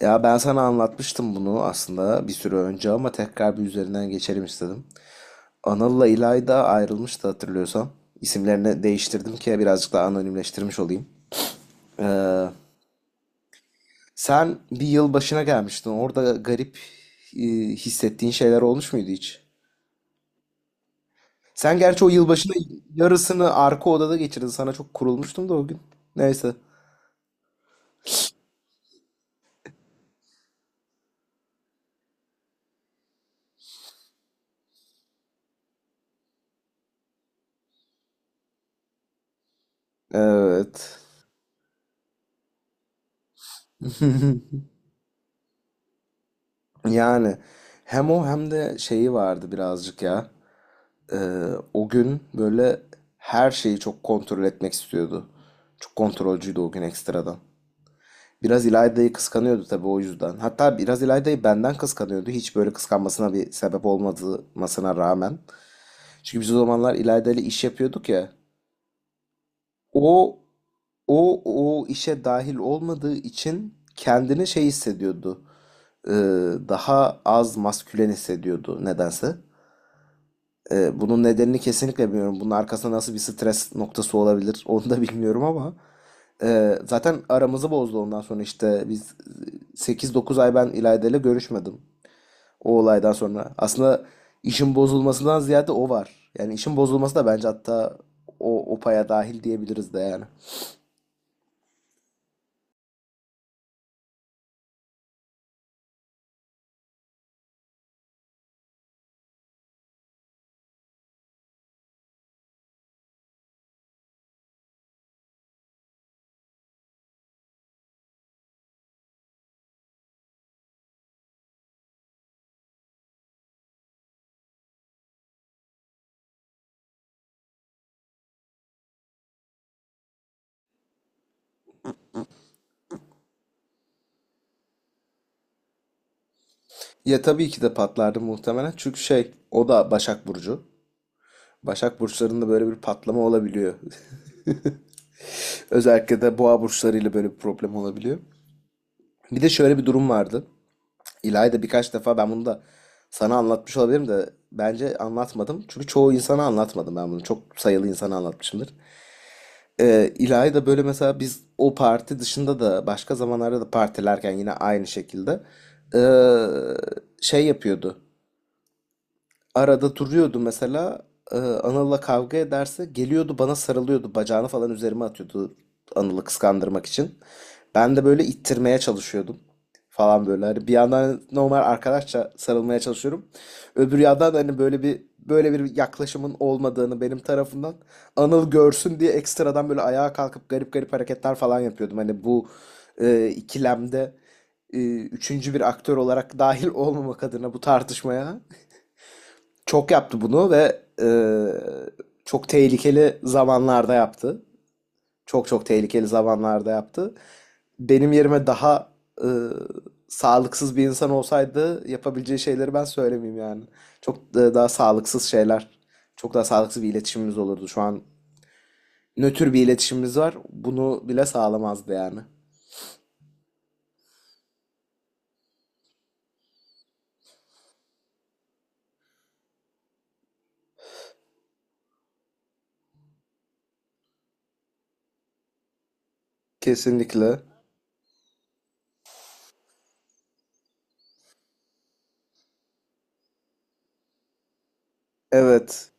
Ya ben sana anlatmıştım bunu aslında bir süre önce ama tekrar bir üzerinden geçelim istedim. Anıl'la İlayda ayrılmıştı hatırlıyorsan. İsimlerini değiştirdim ki birazcık daha anonimleştirmiş olayım. Sen bir yıl başına gelmiştin. Orada garip e, hissettiğin şeyler olmuş muydu hiç? Sen gerçi o yılbaşının yarısını arka odada geçirdin. Sana çok kurulmuştum da o gün. Neyse. Evet. Yani hem o hem de şeyi vardı birazcık ya. Ee, O gün böyle her şeyi çok kontrol etmek istiyordu. Çok kontrolcüydü o gün ekstradan. Biraz İlayda'yı kıskanıyordu tabii o yüzden. Hatta biraz İlayda'yı benden kıskanıyordu. Hiç böyle kıskanmasına bir sebep olmadığımasına rağmen. Çünkü biz o zamanlar İlayda ile iş yapıyorduk ya. O o işe dahil olmadığı için kendini şey hissediyordu. Ee, Daha az maskülen hissediyordu nedense. Bunun nedenini kesinlikle bilmiyorum. Bunun arkasında nasıl bir stres noktası olabilir onu da bilmiyorum ama zaten aramızı bozdu ondan sonra işte biz 8-9 ay ben İlayda ile görüşmedim o olaydan sonra. Aslında işin bozulmasından ziyade o var. Yani işin bozulması da bence hatta o paya dahil diyebiliriz de yani. Ya tabii ki de patlardı muhtemelen. Çünkü şey o da Başak Burcu. Başak burçlarında böyle bir patlama olabiliyor. Özellikle de boğa burçlarıyla böyle bir problem olabiliyor. Bir de şöyle bir durum vardı. İlayda birkaç defa ben bunu da sana anlatmış olabilirim de bence anlatmadım. Çünkü çoğu insana anlatmadım ben bunu. Çok sayılı insana anlatmışımdır. İlayda böyle mesela biz o parti dışında da başka zamanlarda da partilerken yine aynı şekilde şey yapıyordu, arada duruyordu mesela. Anıl'la kavga ederse geliyordu bana sarılıyordu. Bacağını falan üzerime atıyordu Anıl'ı kıskandırmak için. Ben de böyle ittirmeye çalışıyordum falan böyle. Hani bir yandan normal arkadaşça sarılmaya çalışıyorum. Öbür yandan hani böyle bir yaklaşımın olmadığını benim tarafından Anıl görsün diye ekstradan böyle ayağa kalkıp garip garip hareketler falan yapıyordum. Hani bu ikilemde üçüncü bir aktör olarak dahil olmamak adına bu tartışmaya. Çok yaptı bunu ve çok tehlikeli zamanlarda yaptı. Çok çok tehlikeli zamanlarda yaptı. Benim yerime daha e, sağlıksız bir insan olsaydı yapabileceği şeyleri ben söylemeyeyim yani. Çok daha sağlıksız şeyler, çok daha sağlıksız bir iletişimimiz olurdu. Şu an nötr bir iletişimimiz var. Bunu bile sağlamazdı yani. Kesinlikle. Evet.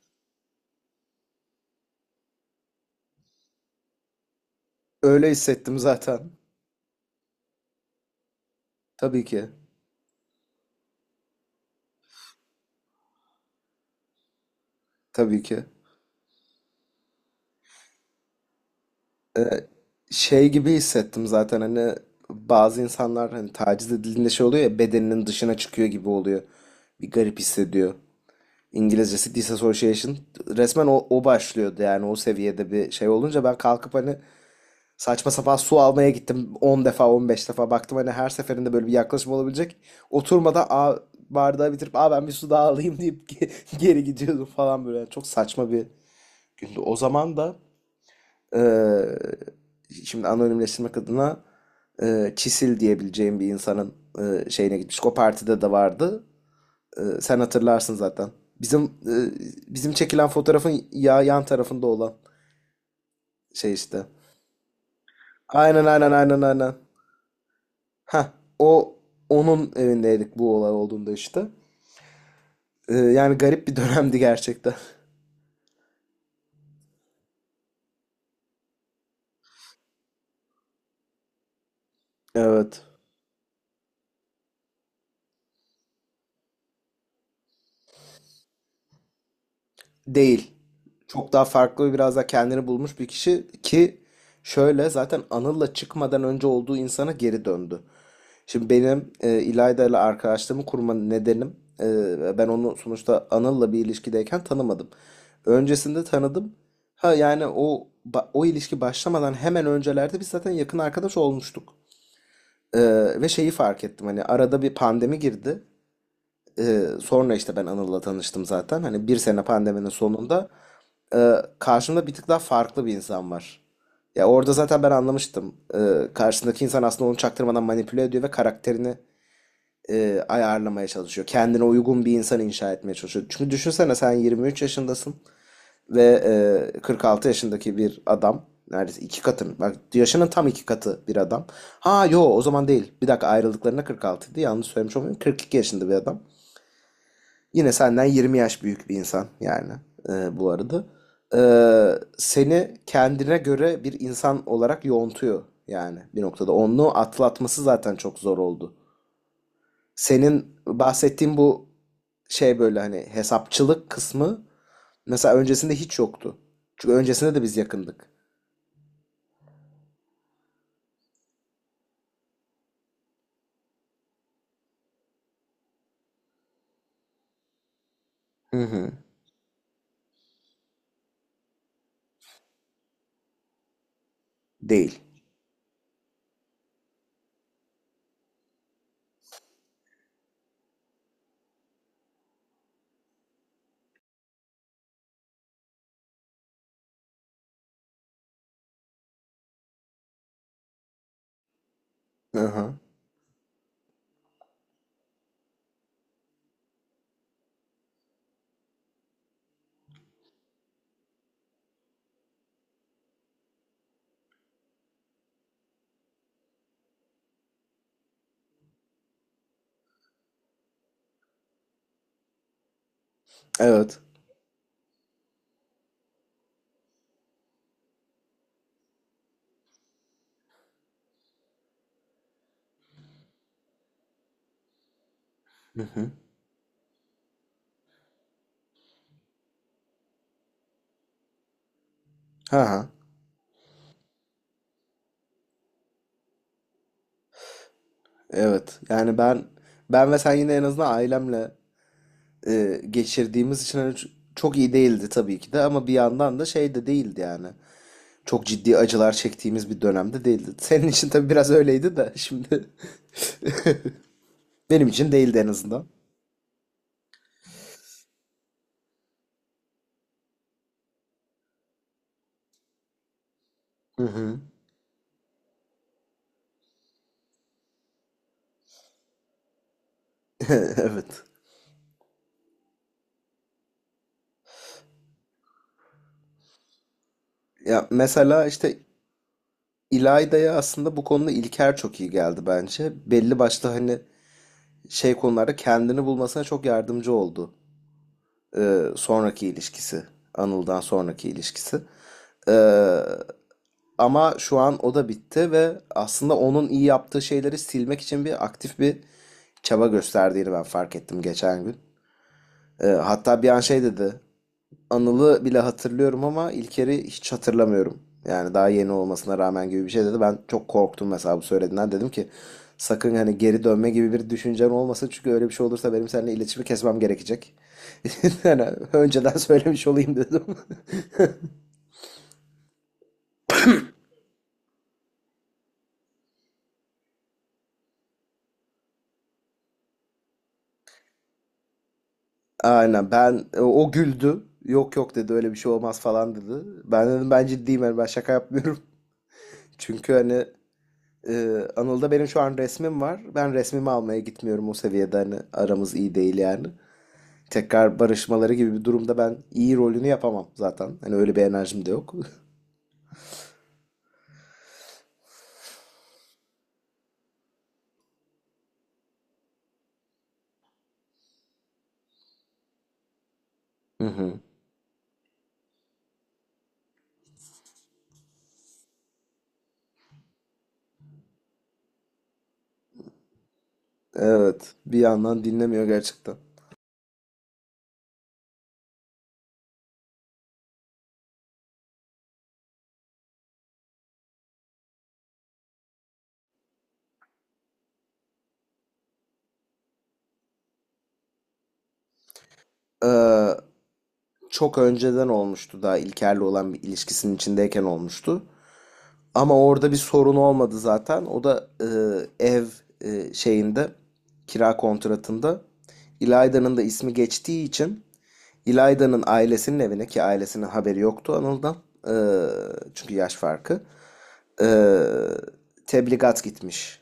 Öyle hissettim zaten. Tabii ki. Tabii ki. e, şey gibi hissettim zaten hani bazı insanlar hani taciz edildiğinde şey oluyor ya, bedeninin dışına çıkıyor gibi oluyor. Bir garip hissediyor. İngilizcesi disassociation. Resmen o başlıyordu yani o seviyede bir şey olunca ben kalkıp hani saçma sapan su almaya gittim 10 defa 15 defa baktım hani her seferinde böyle bir yaklaşım olabilecek. Oturmadan bardağı bitirip ben bir su daha alayım deyip geri gidiyordum falan böyle. Yani çok saçma bir gündü. O zaman da ee, şimdi anonimleştirmek adına Çisil diyebileceğim bir insanın şeyine gitmiş. O partide de vardı. Sen hatırlarsın zaten. Bizim e, bizim çekilen fotoğrafın ya yan tarafında olan şey işte. Aynen, aynen, aynen, aynen. Ha, o onun evindeydik bu olay olduğunda işte. Yani garip bir dönemdi gerçekten. Evet. Değil. Çok daha farklı, biraz da kendini bulmuş bir kişi ki şöyle zaten Anıl'la çıkmadan önce olduğu insana geri döndü. Şimdi benim İlayda ile arkadaşlığımı kurma nedenim, ben onu sonuçta Anıl'la bir ilişkideyken tanımadım. Öncesinde tanıdım. Ha yani o ilişki başlamadan hemen öncelerde biz zaten yakın arkadaş olmuştuk. E, ve şeyi fark ettim, hani arada bir pandemi girdi. Sonra işte ben Anıl'la tanıştım zaten. Hani bir sene pandeminin sonunda karşımda bir tık daha farklı bir insan var. Ya orada zaten ben anlamıştım. Karşısındaki insan aslında onu çaktırmadan manipüle ediyor ve karakterini ayarlamaya çalışıyor. Kendine uygun bir insan inşa etmeye çalışıyor. Çünkü düşünsene, sen 23 yaşındasın ve 46 yaşındaki bir adam. Neredeyse iki katın. Bak, yaşının tam iki katı bir adam. Ha yo, o zaman değil. Bir dakika, ayrıldıklarına 46 idi. Yanlış söylemiş olmayayım. 42 yaşında bir adam. Yine senden 20 yaş büyük bir insan yani bu arada. E, seni kendine göre bir insan olarak yoğuntuyor yani bir noktada. Onu atlatması zaten çok zor oldu. Senin bahsettiğin bu şey, böyle hani hesapçılık kısmı mesela öncesinde hiç yoktu. Çünkü öncesinde de biz yakındık. Hı hı. Değil. Hı hı. Evet. Hı hı. Ha ha. Evet. Yani ben ve sen yine en azından ailemle geçirdiğimiz için hani çok iyi değildi tabii ki de ama bir yandan da şey de değildi yani. Çok ciddi acılar çektiğimiz bir dönemde değildi. Senin için tabii biraz öyleydi de şimdi benim için değildi en azından. Hı hı. Evet. Ya mesela işte İlayda'ya aslında bu konuda İlker çok iyi geldi bence. Belli başlı hani şey konularda kendini bulmasına çok yardımcı oldu. Sonraki ilişkisi. Anıl'dan sonraki ilişkisi. Ee, Ama şu an o da bitti ve aslında onun iyi yaptığı şeyleri silmek için bir çaba gösterdiğini ben fark ettim geçen gün. Hatta bir an şey dedi. Anıl'ı bile hatırlıyorum ama İlker'i hiç hatırlamıyorum. Yani daha yeni olmasına rağmen, gibi bir şey dedi. Ben çok korktum mesela bu söylediğinden. Dedim ki sakın hani geri dönme gibi bir düşüncen olmasın. Çünkü öyle bir şey olursa benim seninle iletişimi kesmem gerekecek. Yani önceden söylemiş olayım dedim. Aynen, ben o güldü. Yok yok dedi, öyle bir şey olmaz falan dedi. Ben dedim ben ciddiyim yani, ben şaka yapmıyorum. Çünkü hani Anıl'da benim şu an resmim var. Ben resmimi almaya gitmiyorum, o seviyede hani aramız iyi değil yani. Tekrar barışmaları gibi bir durumda ben iyi rolünü yapamam zaten. Hani öyle bir enerjim de yok. Hı hı. Evet, bir yandan dinlemiyor gerçekten. Ee, Çok önceden olmuştu, daha İlker'le olan bir ilişkisinin içindeyken olmuştu. Ama orada bir sorun olmadı zaten. O da ev şeyinde, kira kontratında İlayda'nın da ismi geçtiği için İlayda'nın ailesinin evine, ki ailesinin haberi yoktu Anıl'dan, e, çünkü yaş farkı, e, tebligat gitmiş.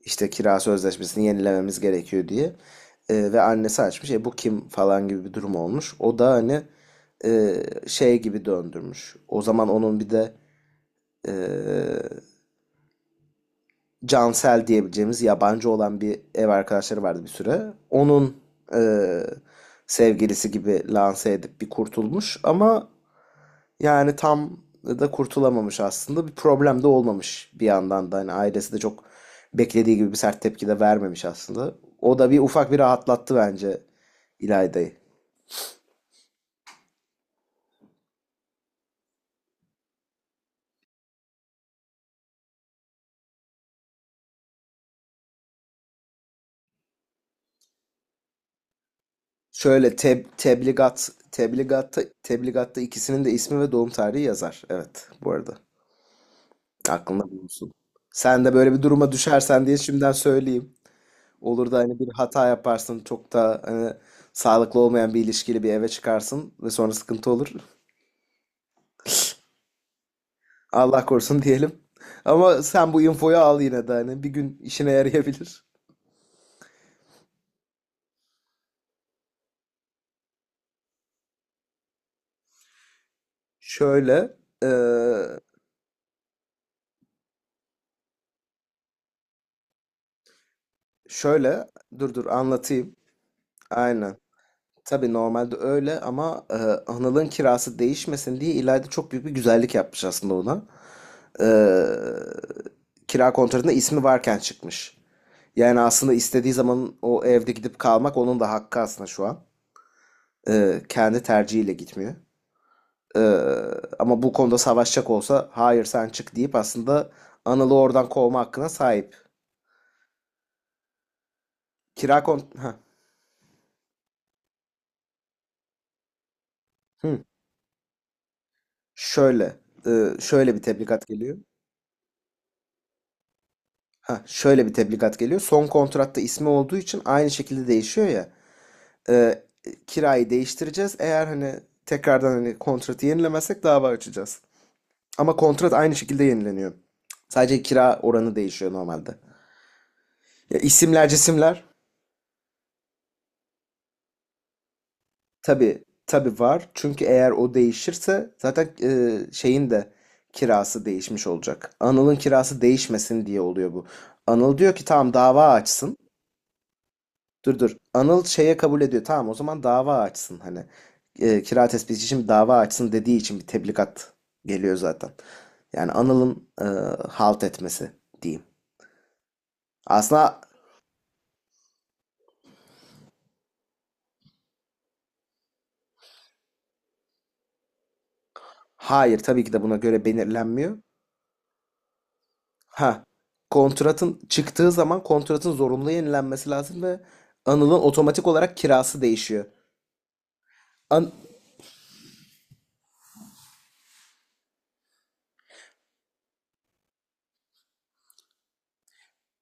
İşte kira sözleşmesini yenilememiz gerekiyor diye. Ve annesi açmış. Bu kim falan gibi bir durum olmuş. O da hani şey gibi döndürmüş. O zaman onun bir de e, Cansel diyebileceğimiz yabancı olan bir ev arkadaşları vardı bir süre. Onun eee, sevgilisi gibi lanse edip bir kurtulmuş ama yani tam da kurtulamamış aslında. Bir problem de olmamış bir yandan da. Hani ailesi de çok beklediği gibi bir sert tepki de vermemiş aslında. O da bir ufak rahatlattı bence İlayda'yı. Şöyle, tebligatta ikisinin de ismi ve doğum tarihi yazar. Evet, bu arada. Aklında bulunsun. Sen de böyle bir duruma düşersen diye şimdiden söyleyeyim. Olur da hani bir hata yaparsın, çok da hani sağlıklı olmayan bir ilişkili bir eve çıkarsın ve sonra sıkıntı olur. Allah korusun diyelim. Ama sen bu infoyu al yine de, hani bir gün işine yarayabilir. Şöyle, eee, şöyle, dur dur anlatayım. Aynen. Tabii normalde öyle ama Anıl'ın kirası değişmesin diye İlayda çok büyük bir güzellik yapmış aslında ona. e, kira kontratında ismi varken çıkmış. Yani aslında istediği zaman o evde gidip kalmak onun da hakkı aslında şu an. Kendi tercihiyle gitmiyor. E, ama bu konuda savaşacak olsa hayır sen çık deyip aslında Anıl'ı oradan kovma hakkına sahip. Kira kont... Heh. Hı. Şöyle. Şöyle bir tebligat geliyor. Heh, şöyle bir tebligat geliyor. Son kontratta ismi olduğu için aynı şekilde değişiyor ya. e, kirayı değiştireceğiz. Eğer hani tekrardan hani kontratı yenilemezsek dava açacağız. Ama kontrat aynı şekilde yenileniyor. Sadece kira oranı değişiyor normalde. Ya isimler cisimler tabii tabii var. Çünkü eğer o değişirse zaten şeyin de kirası değişmiş olacak. Anıl'ın kirası değişmesin diye oluyor bu. Anıl diyor ki tamam dava açsın. Dur dur. Anıl şeye kabul ediyor. Tamam o zaman dava açsın hani. Kira tespiti için dava açsın dediği için bir tebligat geliyor zaten. Yani Anıl'ın halt etmesi diyeyim. Aslında hayır tabii ki de buna göre belirlenmiyor. Ha, kontratın çıktığı zaman kontratın zorunlu yenilenmesi lazım ve Anıl'ın otomatik olarak kirası değişiyor. An-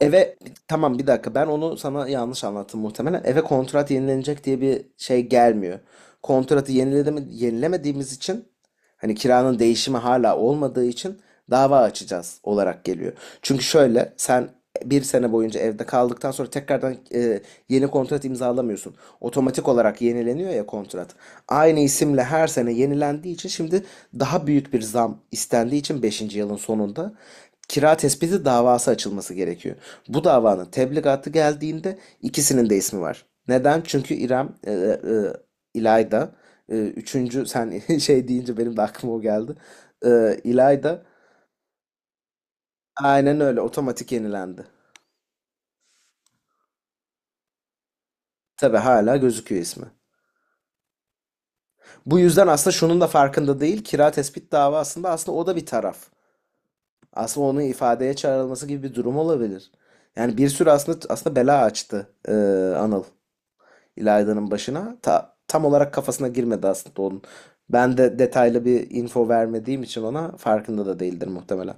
Eve, tamam, bir dakika, ben onu sana yanlış anlattım muhtemelen. Eve kontrat yenilenecek diye bir şey gelmiyor. Kontratı yenilemediğimiz için, hani kiranın değişimi hala olmadığı için dava açacağız olarak geliyor. Çünkü şöyle, sen bir sene boyunca evde kaldıktan sonra tekrardan yeni kontrat imzalamıyorsun. Otomatik olarak yenileniyor ya kontrat. Aynı isimle her sene yenilendiği için, şimdi daha büyük bir zam istendiği için beşinci yılın sonunda kira tespiti davası açılması gerekiyor. Bu davanın tebligatı geldiğinde ikisinin de ismi var. Neden? Çünkü İrem, İlayda, üçüncü sen şey deyince benim de aklıma o geldi. İlayda, aynen öyle, otomatik yenilendi. Tabii hala gözüküyor ismi. Bu yüzden aslında şunun da farkında değil. Kira tespit davasında aslında o da bir taraf. Aslında onun ifadeye çağrılması gibi bir durum olabilir. Yani bir sürü aslında bela açtı Anıl İlayda'nın başına. Tam olarak kafasına girmedi aslında onun. Ben de detaylı bir info vermediğim için ona, farkında da değildir muhtemelen.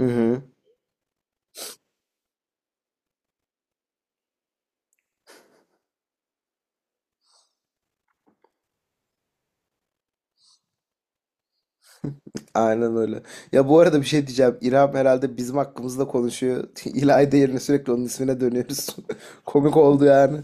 Hı hı. Aynen öyle. Ya bu arada bir şey diyeceğim. İrem herhalde bizim hakkımızda konuşuyor. İlayda yerine sürekli onun ismine dönüyoruz. Komik oldu yani.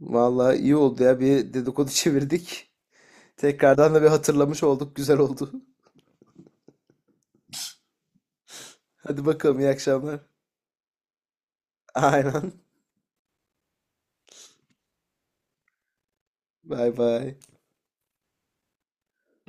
Vallahi iyi oldu ya. Bir dedikodu çevirdik. Tekrardan da bir hatırlamış olduk. Güzel oldu. Hadi bakalım, iyi akşamlar. Aynen. Bay bay.